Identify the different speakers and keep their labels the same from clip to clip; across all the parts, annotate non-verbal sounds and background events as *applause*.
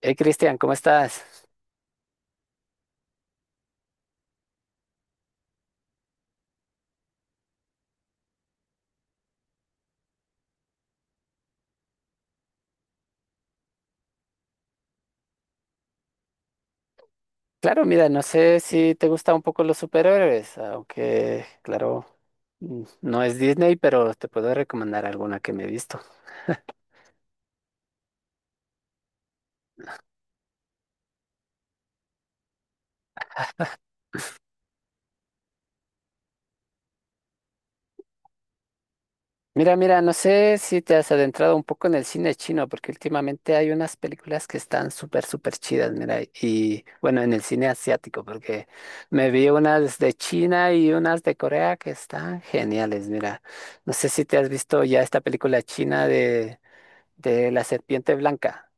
Speaker 1: Hey, Cristian, ¿cómo estás? Claro, mira, no sé si te gustan un poco los superhéroes, aunque, claro, no es Disney, pero te puedo recomendar alguna que me he visto. Mira, no sé si te has adentrado un poco en el cine chino, porque últimamente hay unas películas que están súper, súper chidas, mira, y bueno, en el cine asiático, porque me vi unas de China y unas de Corea que están geniales, mira. No sé si te has visto ya esta película china de La Serpiente Blanca.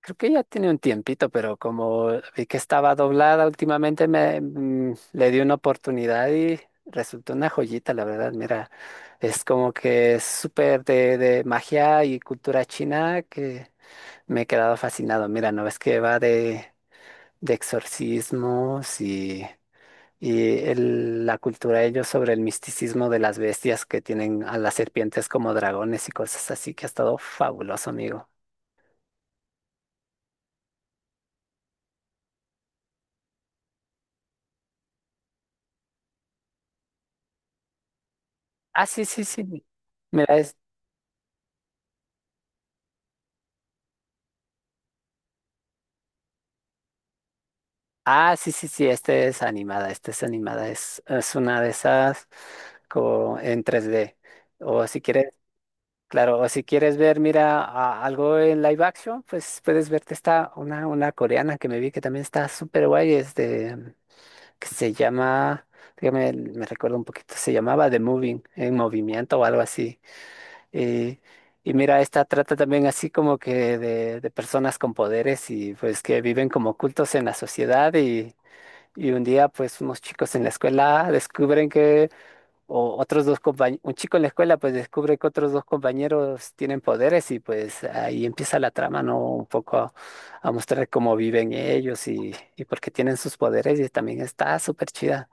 Speaker 1: Creo que ya tiene un tiempito, pero como vi que estaba doblada últimamente, le di una oportunidad y resultó una joyita, la verdad. Mira, es como que es súper de magia y cultura china que me he quedado fascinado. Mira, no ves que va de exorcismos y la cultura de ellos sobre el misticismo de las bestias que tienen a las serpientes como dragones y cosas así, que ha estado fabuloso, amigo. Ah, sí, sí, sí. Mira. Ah, sí, sí, sí, Esta es animada, es una de esas como en 3D. O si quieres, claro, o si quieres ver, mira, algo en live action, pues puedes verte esta, una coreana que me vi que también está súper guay, es de, que se llama, dígame, me recuerdo un poquito, se llamaba The Moving, en movimiento o algo así. Y, y mira, esta trata también así como que de personas con poderes y pues que viven como ocultos en la sociedad y un día, pues, unos chicos en la escuela descubren que, o otros dos compañeros, un chico en la escuela, pues, descubre que otros dos compañeros tienen poderes y, pues, ahí empieza la trama, ¿no? Un poco a mostrar cómo viven ellos y por qué tienen sus poderes y también está súper chida.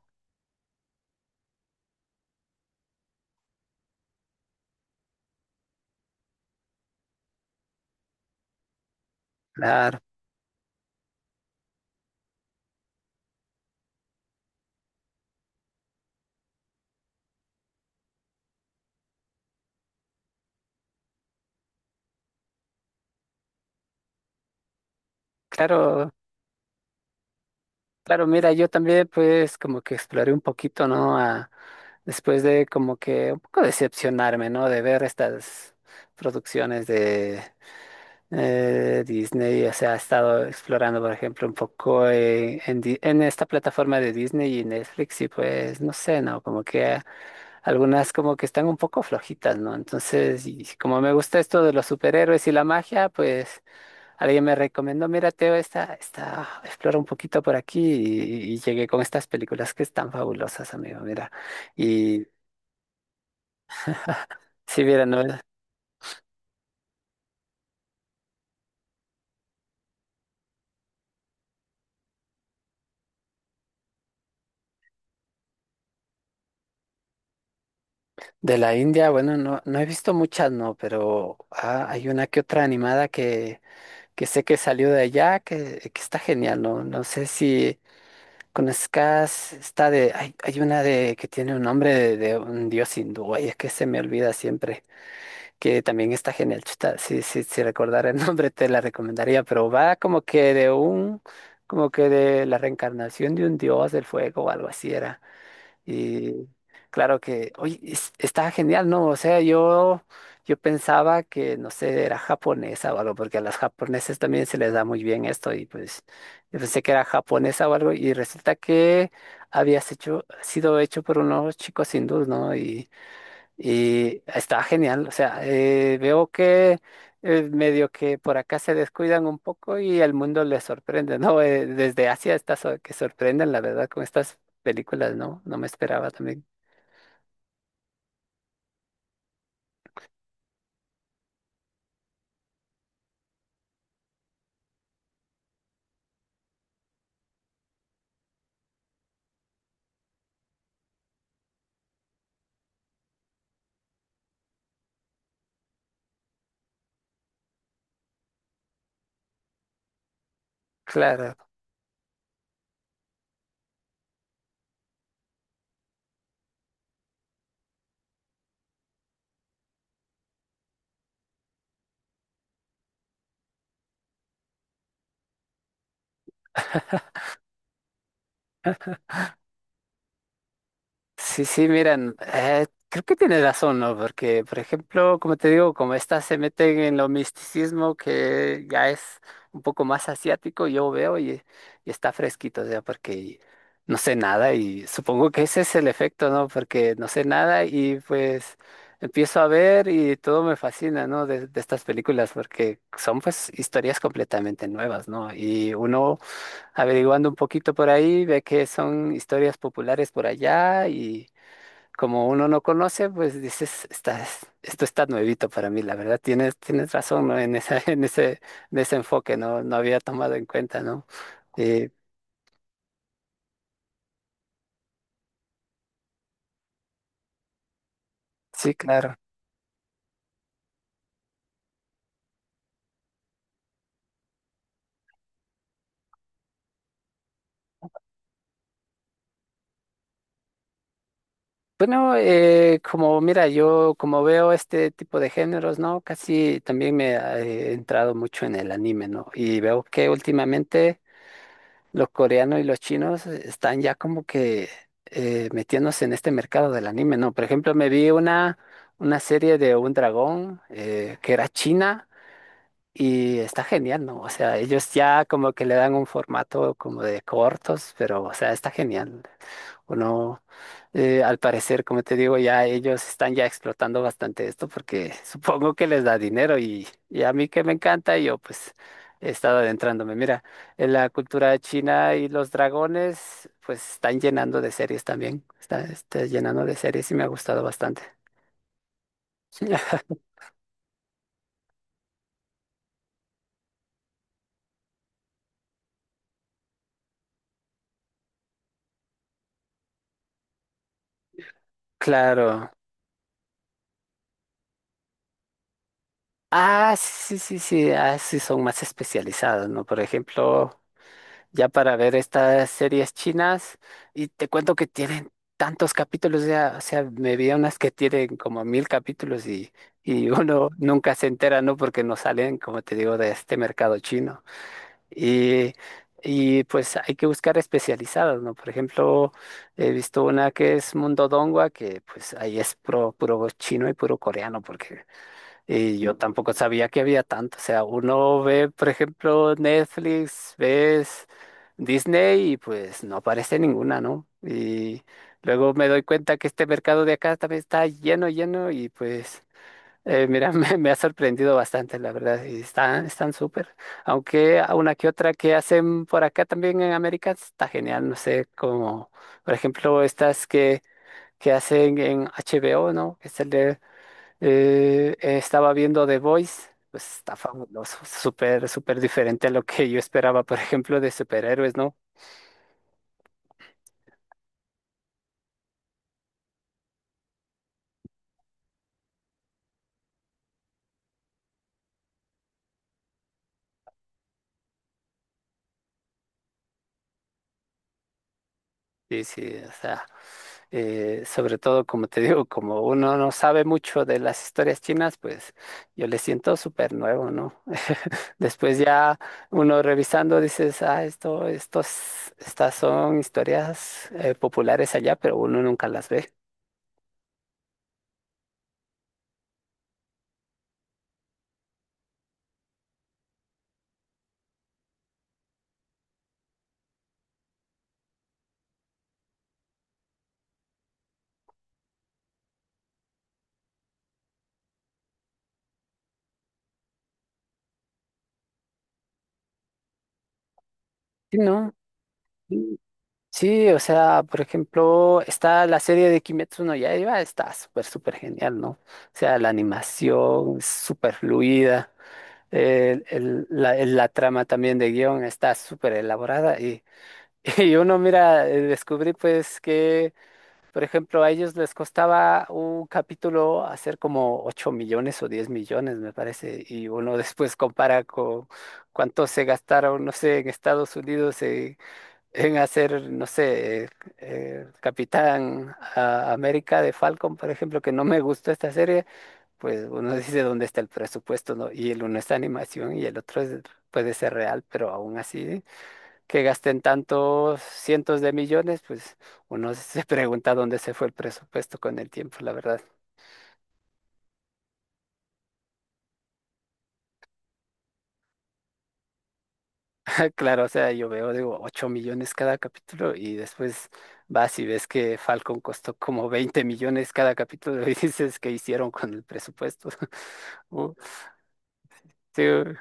Speaker 1: Claro, claro, claro, mira, yo también, pues, como que exploré un poquito, ¿no? Después de como que un poco decepcionarme, ¿no? De ver estas producciones. Disney, o sea, ha estado explorando, por ejemplo, un poco en esta plataforma de Disney y Netflix y pues, no sé, ¿no? Como que algunas como que están un poco flojitas, ¿no? Entonces, y como me gusta esto de los superhéroes y la magia, pues alguien me recomendó, mira, Teo, esta, explora un poquito por aquí y llegué con estas películas que están fabulosas, amigo, mira. Y si mira, ¿no? De la India, bueno, no, no he visto muchas, no, pero hay una que otra animada que sé que salió de allá, que está genial, ¿no? No sé si conozcas, está de, hay una de que tiene un nombre de un dios hindú, ay, es que se me olvida siempre, que también está genial, chuta, si recordara el *laughs* nombre te la recomendaría, pero va como que de un, como que de la reencarnación de un dios del fuego o algo así era. Y claro que, oye, está genial, ¿no? O sea, yo pensaba que, no sé, era japonesa o algo, porque a las japoneses también se les da muy bien esto y pues yo pensé que era japonesa o algo y resulta que había sido hecho por unos chicos hindús, ¿no? Y está genial, o sea, veo que medio que por acá se descuidan un poco y el mundo les sorprende, ¿no? Desde Asia está que sorprenden, la verdad, con estas películas, ¿no? No me esperaba también. Claro. Sí, sí, miren, creo que tienes razón, ¿no? Porque, por ejemplo, como te digo, como estas se meten en lo misticismo que ya es un poco más asiático, yo veo y está fresquito, o sea, porque no sé nada y supongo que ese es el efecto, ¿no? Porque no sé nada y pues empiezo a ver y todo me fascina, ¿no? De estas películas, porque son pues historias completamente nuevas, ¿no? Y uno averiguando un poquito por ahí ve que son historias populares por allá y como uno no conoce, pues dices, estás, esto está nuevito para mí, la verdad, tienes, tienes razón, ¿no? En esa, *laughs* en ese enfoque, no, no había tomado en cuenta, ¿no? Eh, sí, claro. Bueno, como mira, yo como veo este tipo de géneros, ¿no? Casi también me he entrado mucho en el anime, ¿no? Y veo que últimamente los coreanos y los chinos están ya como que metiéndose en este mercado del anime, ¿no? Por ejemplo, me vi una serie de un dragón que era china y está genial, ¿no? O sea, ellos ya como que le dan un formato como de cortos, pero o sea, está genial. Bueno, al parecer, como te digo, ya ellos están ya explotando bastante esto porque *laughs* supongo que les da dinero y a mí que me encanta, yo pues he estado adentrándome. Mira, en la cultura china y los dragones pues están llenando de series también, está llenando de series y me ha gustado bastante. *laughs* Claro. Ah, sí, sí, sí, sí, ah, sí, son más especializados, ¿no? Por ejemplo, ya para ver estas series chinas y te cuento que tienen tantos capítulos, ya, o sea, me vi unas que tienen como mil capítulos y *laughs* uno nunca se entera, ¿no? Porque no salen, como te digo, de este mercado chino. Y, y pues hay que buscar especializadas, ¿no? Por ejemplo, he visto una que es Mundo Dongua, que pues ahí es puro, puro chino y puro coreano, porque y yo tampoco sabía que había tanto. O sea, uno ve, por ejemplo, Netflix, ves Disney y pues no aparece ninguna, ¿no? Y luego me doy cuenta que este mercado de acá también está lleno, lleno y pues, mira, *laughs* me ha sorprendido bastante, la verdad. Y están súper. Aunque a una que otra que hacen por acá también en América está genial, no sé, como, por ejemplo, estas que hacen en HBO, ¿no? Que sale. Estaba viendo The Voice, pues está fabuloso, súper, súper diferente a lo que yo esperaba, por ejemplo, de superhéroes, ¿no? Sí, sí, o sea, sobre todo, como te digo, como uno no sabe mucho de las historias chinas, pues yo le siento súper nuevo, ¿no? *laughs* Después ya uno revisando dices, ah, estas son historias populares allá, pero uno nunca las ve. Sí, ¿no? Sí, o sea, por ejemplo, está la serie de Kimetsu no Yaiba, está súper, súper genial, ¿no? O sea, la animación es súper fluida, la trama también de guión está súper elaborada y, *laughs* y uno mira, descubrí pues que, por ejemplo, a ellos les costaba un capítulo hacer como 8 millones o 10 millones, me parece, y uno *laughs* después compara con cuánto se gastaron, no sé, en Estados Unidos en hacer, no sé, Capitán América de Falcon, por ejemplo, que no me gustó esta serie, pues uno dice dónde está el presupuesto, ¿no? Y el uno es animación y el otro puede ser real, pero aún así, que gasten tantos cientos de millones, pues uno se pregunta dónde se fue el presupuesto con el tiempo, la verdad. *laughs* Claro, o sea, yo veo, digo, 8 millones cada capítulo y después vas y ves que Falcon costó como 20 millones cada capítulo y *laughs* dices, ¿qué hicieron con el presupuesto? *laughs* Uh, sí,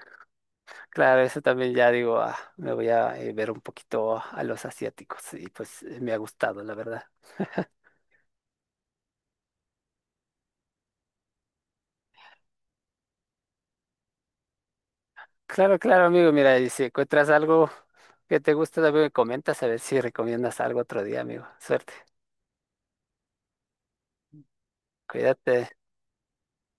Speaker 1: claro, eso también ya digo, me voy a ver un poquito a los asiáticos y pues me ha gustado, la verdad. Claro, claro, amigo, mira, y si encuentras algo que te gusta, también me comentas a ver si recomiendas algo otro día, amigo. Suerte, cuídate.